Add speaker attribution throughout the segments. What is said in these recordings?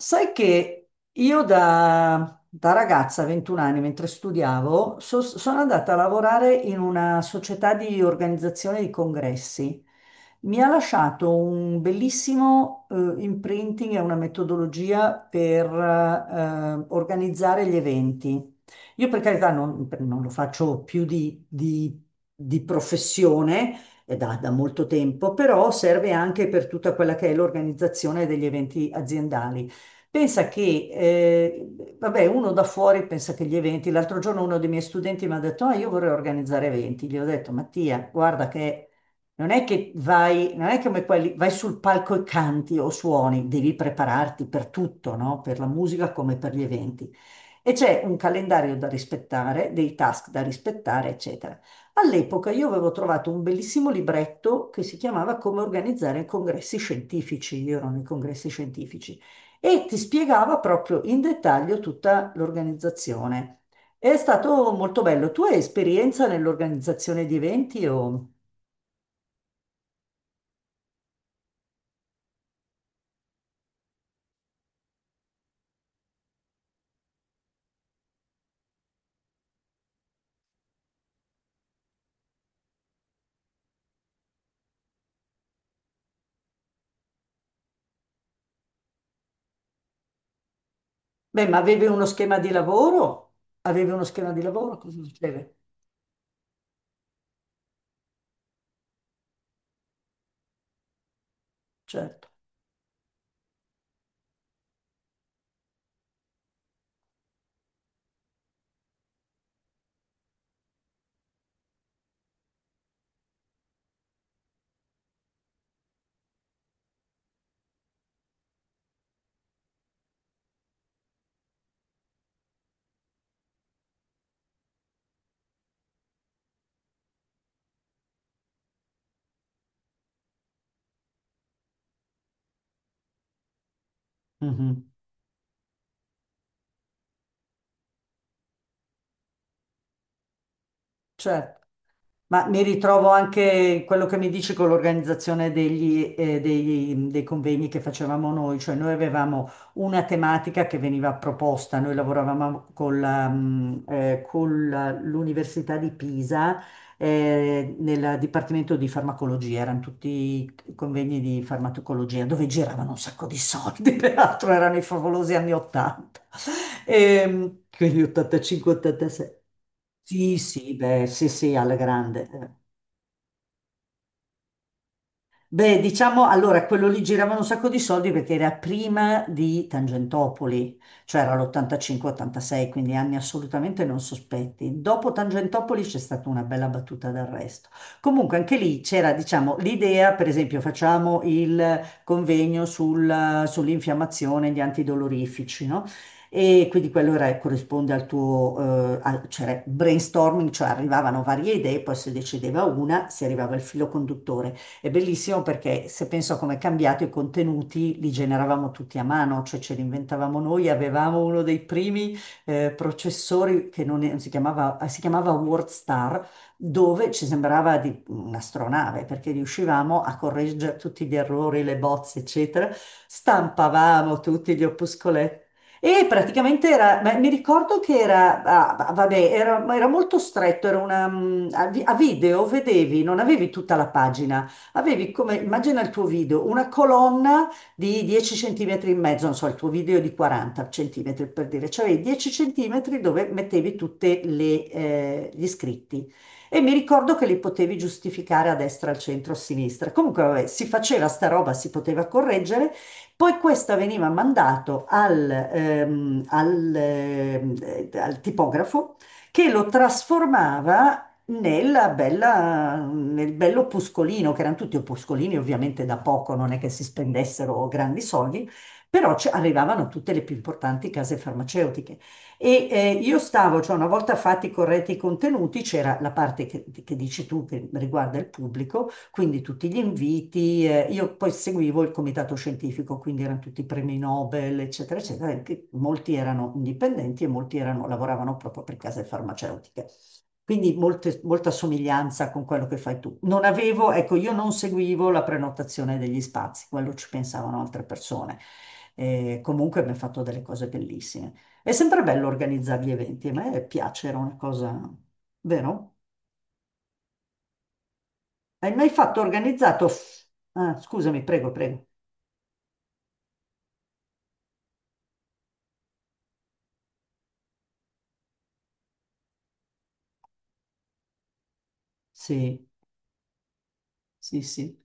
Speaker 1: Sai che io da ragazza, 21 anni, mentre studiavo, sono andata a lavorare in una società di organizzazione di congressi. Mi ha lasciato un bellissimo imprinting e una metodologia per organizzare gli eventi. Io per carità non lo faccio più di professione, è da molto tempo, però serve anche per tutta quella che è l'organizzazione degli eventi aziendali. Pensa che, vabbè, uno da fuori pensa che gli eventi, l'altro giorno uno dei miei studenti mi ha detto, ah, io vorrei organizzare eventi. Gli ho detto, Mattia, guarda che non è che vai, non è come quelli, vai sul palco e canti o suoni, devi prepararti per tutto, no? Per la musica come per gli eventi. E c'è un calendario da rispettare, dei task da rispettare, eccetera. All'epoca io avevo trovato un bellissimo libretto che si chiamava Come organizzare congressi scientifici. Io ero nei congressi scientifici e ti spiegava proprio in dettaglio tutta l'organizzazione. È stato molto bello. Tu hai esperienza nell'organizzazione di eventi o... Beh, ma avevi uno schema di lavoro? Avevi uno schema di lavoro? Cosa succede? Certo. Mhm. Certo. Ma mi ritrovo anche in quello che mi dici con l'organizzazione dei convegni che facevamo noi, cioè noi avevamo una tematica che veniva proposta, noi lavoravamo con l'Università di Pisa, nel Dipartimento di Farmacologia, erano tutti convegni di farmacologia dove giravano un sacco di soldi, peraltro erano i favolosi anni 80. Quindi 85-86. Sì, sì, beh, sì, sì, alla grande. Beh, diciamo allora quello lì giravano un sacco di soldi perché era prima di Tangentopoli, cioè era l'85-86, quindi anni assolutamente non sospetti. Dopo Tangentopoli c'è stata una bella battuta d'arresto. Comunque anche lì c'era, diciamo, l'idea, per esempio, facciamo il convegno sull'infiammazione, gli antidolorifici, no? E quindi quello corrisponde al tuo cioè brainstorming, cioè arrivavano varie idee, poi si decideva una, si arrivava al filo conduttore. È bellissimo perché se penso a come è cambiato i contenuti li generavamo tutti a mano, cioè ce li inventavamo noi, avevamo uno dei primi processori che non, è- non si chiamava, si chiamava WordStar, dove ci sembrava di un'astronave perché riuscivamo a correggere tutti gli errori, le bozze, eccetera, stampavamo tutti gli opuscoletti. E praticamente era, ma mi ricordo che era, vabbè, era molto stretto, era una, mm, a vi- a video, vedevi, non avevi tutta la pagina, avevi come, immagina il tuo video, una colonna di 10 centimetri e mezzo, non so, il tuo video è di 40 centimetri per dire, cioè avevi 10 centimetri dove mettevi tutti gli iscritti. E mi ricordo che li potevi giustificare a destra, al centro, a sinistra. Comunque, vabbè, si faceva sta roba, si poteva correggere. Poi questa veniva mandato al tipografo che lo trasformava nel bello opuscolino, che erano tutti opuscolini ovviamente da poco, non è che si spendessero grandi soldi, però ci arrivavano tutte le più importanti case farmaceutiche. E io stavo, cioè una volta fatti corretti i contenuti, c'era la parte che dici tu che riguarda il pubblico, quindi tutti gli inviti, io poi seguivo il comitato scientifico, quindi erano tutti premi Nobel, eccetera, eccetera, che molti erano indipendenti e lavoravano proprio per case farmaceutiche. Quindi molta somiglianza con quello che fai tu. Non avevo, ecco, io non seguivo la prenotazione degli spazi, quello ci pensavano altre persone. Comunque abbiamo fatto delle cose bellissime. È sempre bello organizzare gli eventi, a me piace, era una cosa, vero? Hai mai fatto organizzato? Ah, scusami, prego, prego. Sì, sì, sì.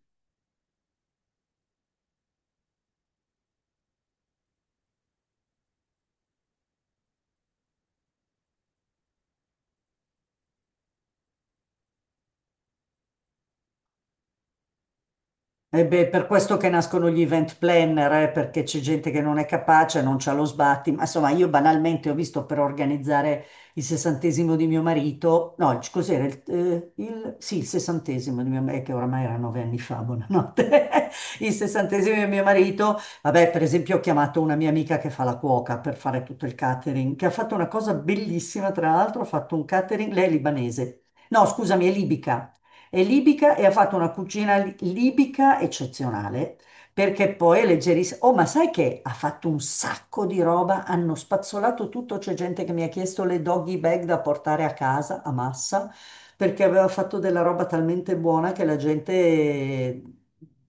Speaker 1: E beh, per questo che nascono gli event planner, perché c'è gente che non è capace, non c'ha lo sbatti. Ma insomma, io banalmente ho visto per organizzare il 60° di mio marito, no, cos'era? Sì, il 60° di mio marito, che oramai era 9 anni fa, buonanotte. Il 60° di mio marito, vabbè, per esempio, ho chiamato una mia amica che fa la cuoca per fare tutto il catering, che ha fatto una cosa bellissima, tra l'altro, ha fatto un catering, lei è libanese. No, scusami, è libica. È libica e ha fatto una cucina libica eccezionale, perché poi è leggerissima. Oh, ma sai che ha fatto un sacco di roba, hanno spazzolato tutto, c'è gente che mi ha chiesto le doggy bag da portare a casa a massa, perché aveva fatto della roba talmente buona che la gente,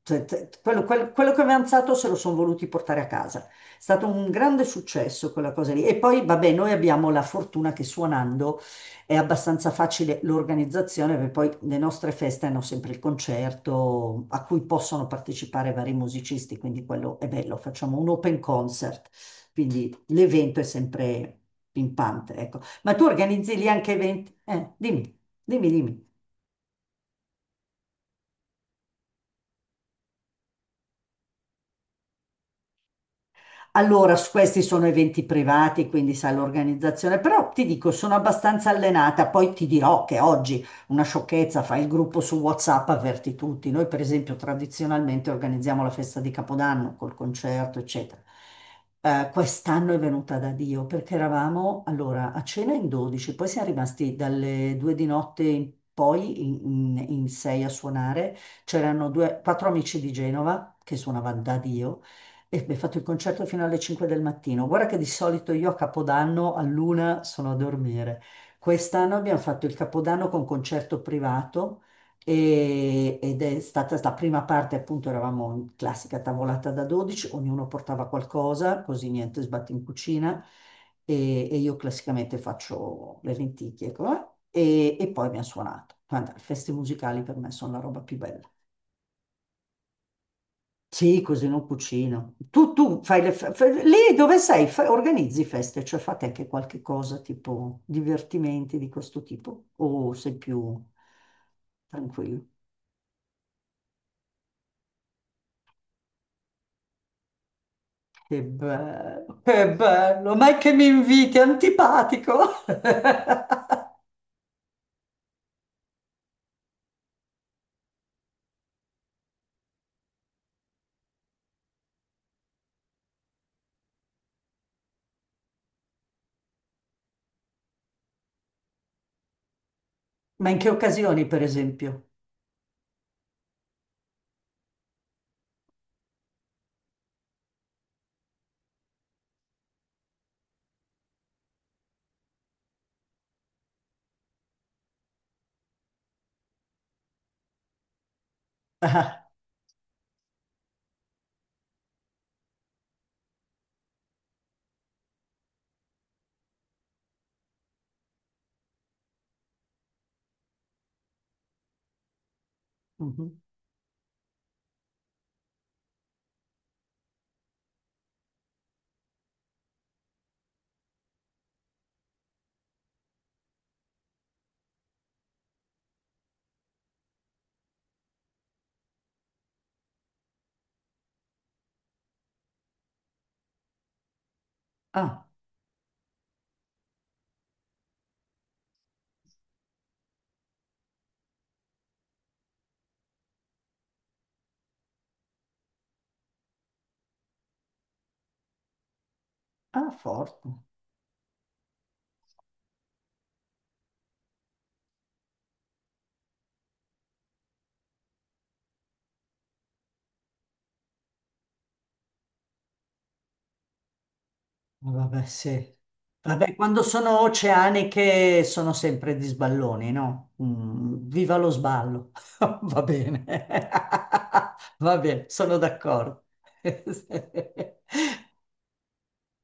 Speaker 1: cioè, quello che aveva alzato se lo sono voluti portare a casa. È stato un grande successo quella cosa lì. E poi, vabbè, noi abbiamo la fortuna che suonando è abbastanza facile l'organizzazione, perché poi le nostre feste hanno sempre il concerto a cui possono partecipare vari musicisti, quindi quello è bello, facciamo un open concert, quindi l'evento è sempre pimpante, ecco. Ma tu organizzi lì anche eventi? Dimmi, dimmi, dimmi. Allora, questi sono eventi privati, quindi sai l'organizzazione, però ti dico, sono abbastanza allenata, poi ti dirò che oggi una sciocchezza, fai il gruppo su WhatsApp, avverti tutti. Noi, per esempio, tradizionalmente organizziamo la festa di Capodanno col concerto, eccetera. Quest'anno è venuta da Dio perché eravamo allora a cena in 12, poi siamo rimasti dalle 2 di notte in poi in sei a suonare. C'erano due, quattro amici di Genova che suonavano da Dio e abbiamo fatto il concerto fino alle 5 del mattino. Guarda che di solito io a Capodanno all'una sono a dormire. Quest'anno abbiamo fatto il Capodanno con concerto privato ed è stata la prima parte, appunto, eravamo in classica tavolata da 12, ognuno portava qualcosa, così niente sbatti in cucina e io classicamente faccio le lenticchie, ecco, e poi abbiamo suonato. Guarda, le feste musicali per me sono la roba più bella. Sì, così non cucino. Tu fai lì dove sei, organizzi feste, cioè fate anche qualche cosa tipo divertimenti di questo tipo o sei più tranquillo? Che bello, ma è che mi inviti, è antipatico. Ma in che occasioni, per esempio? Ah, mhm. Ah, ah, forte. Ah, vabbè, sì. Vabbè, quando sono oceaniche sono sempre di sballoni, no? Viva lo sballo. Va bene. Va bene, sono d'accordo.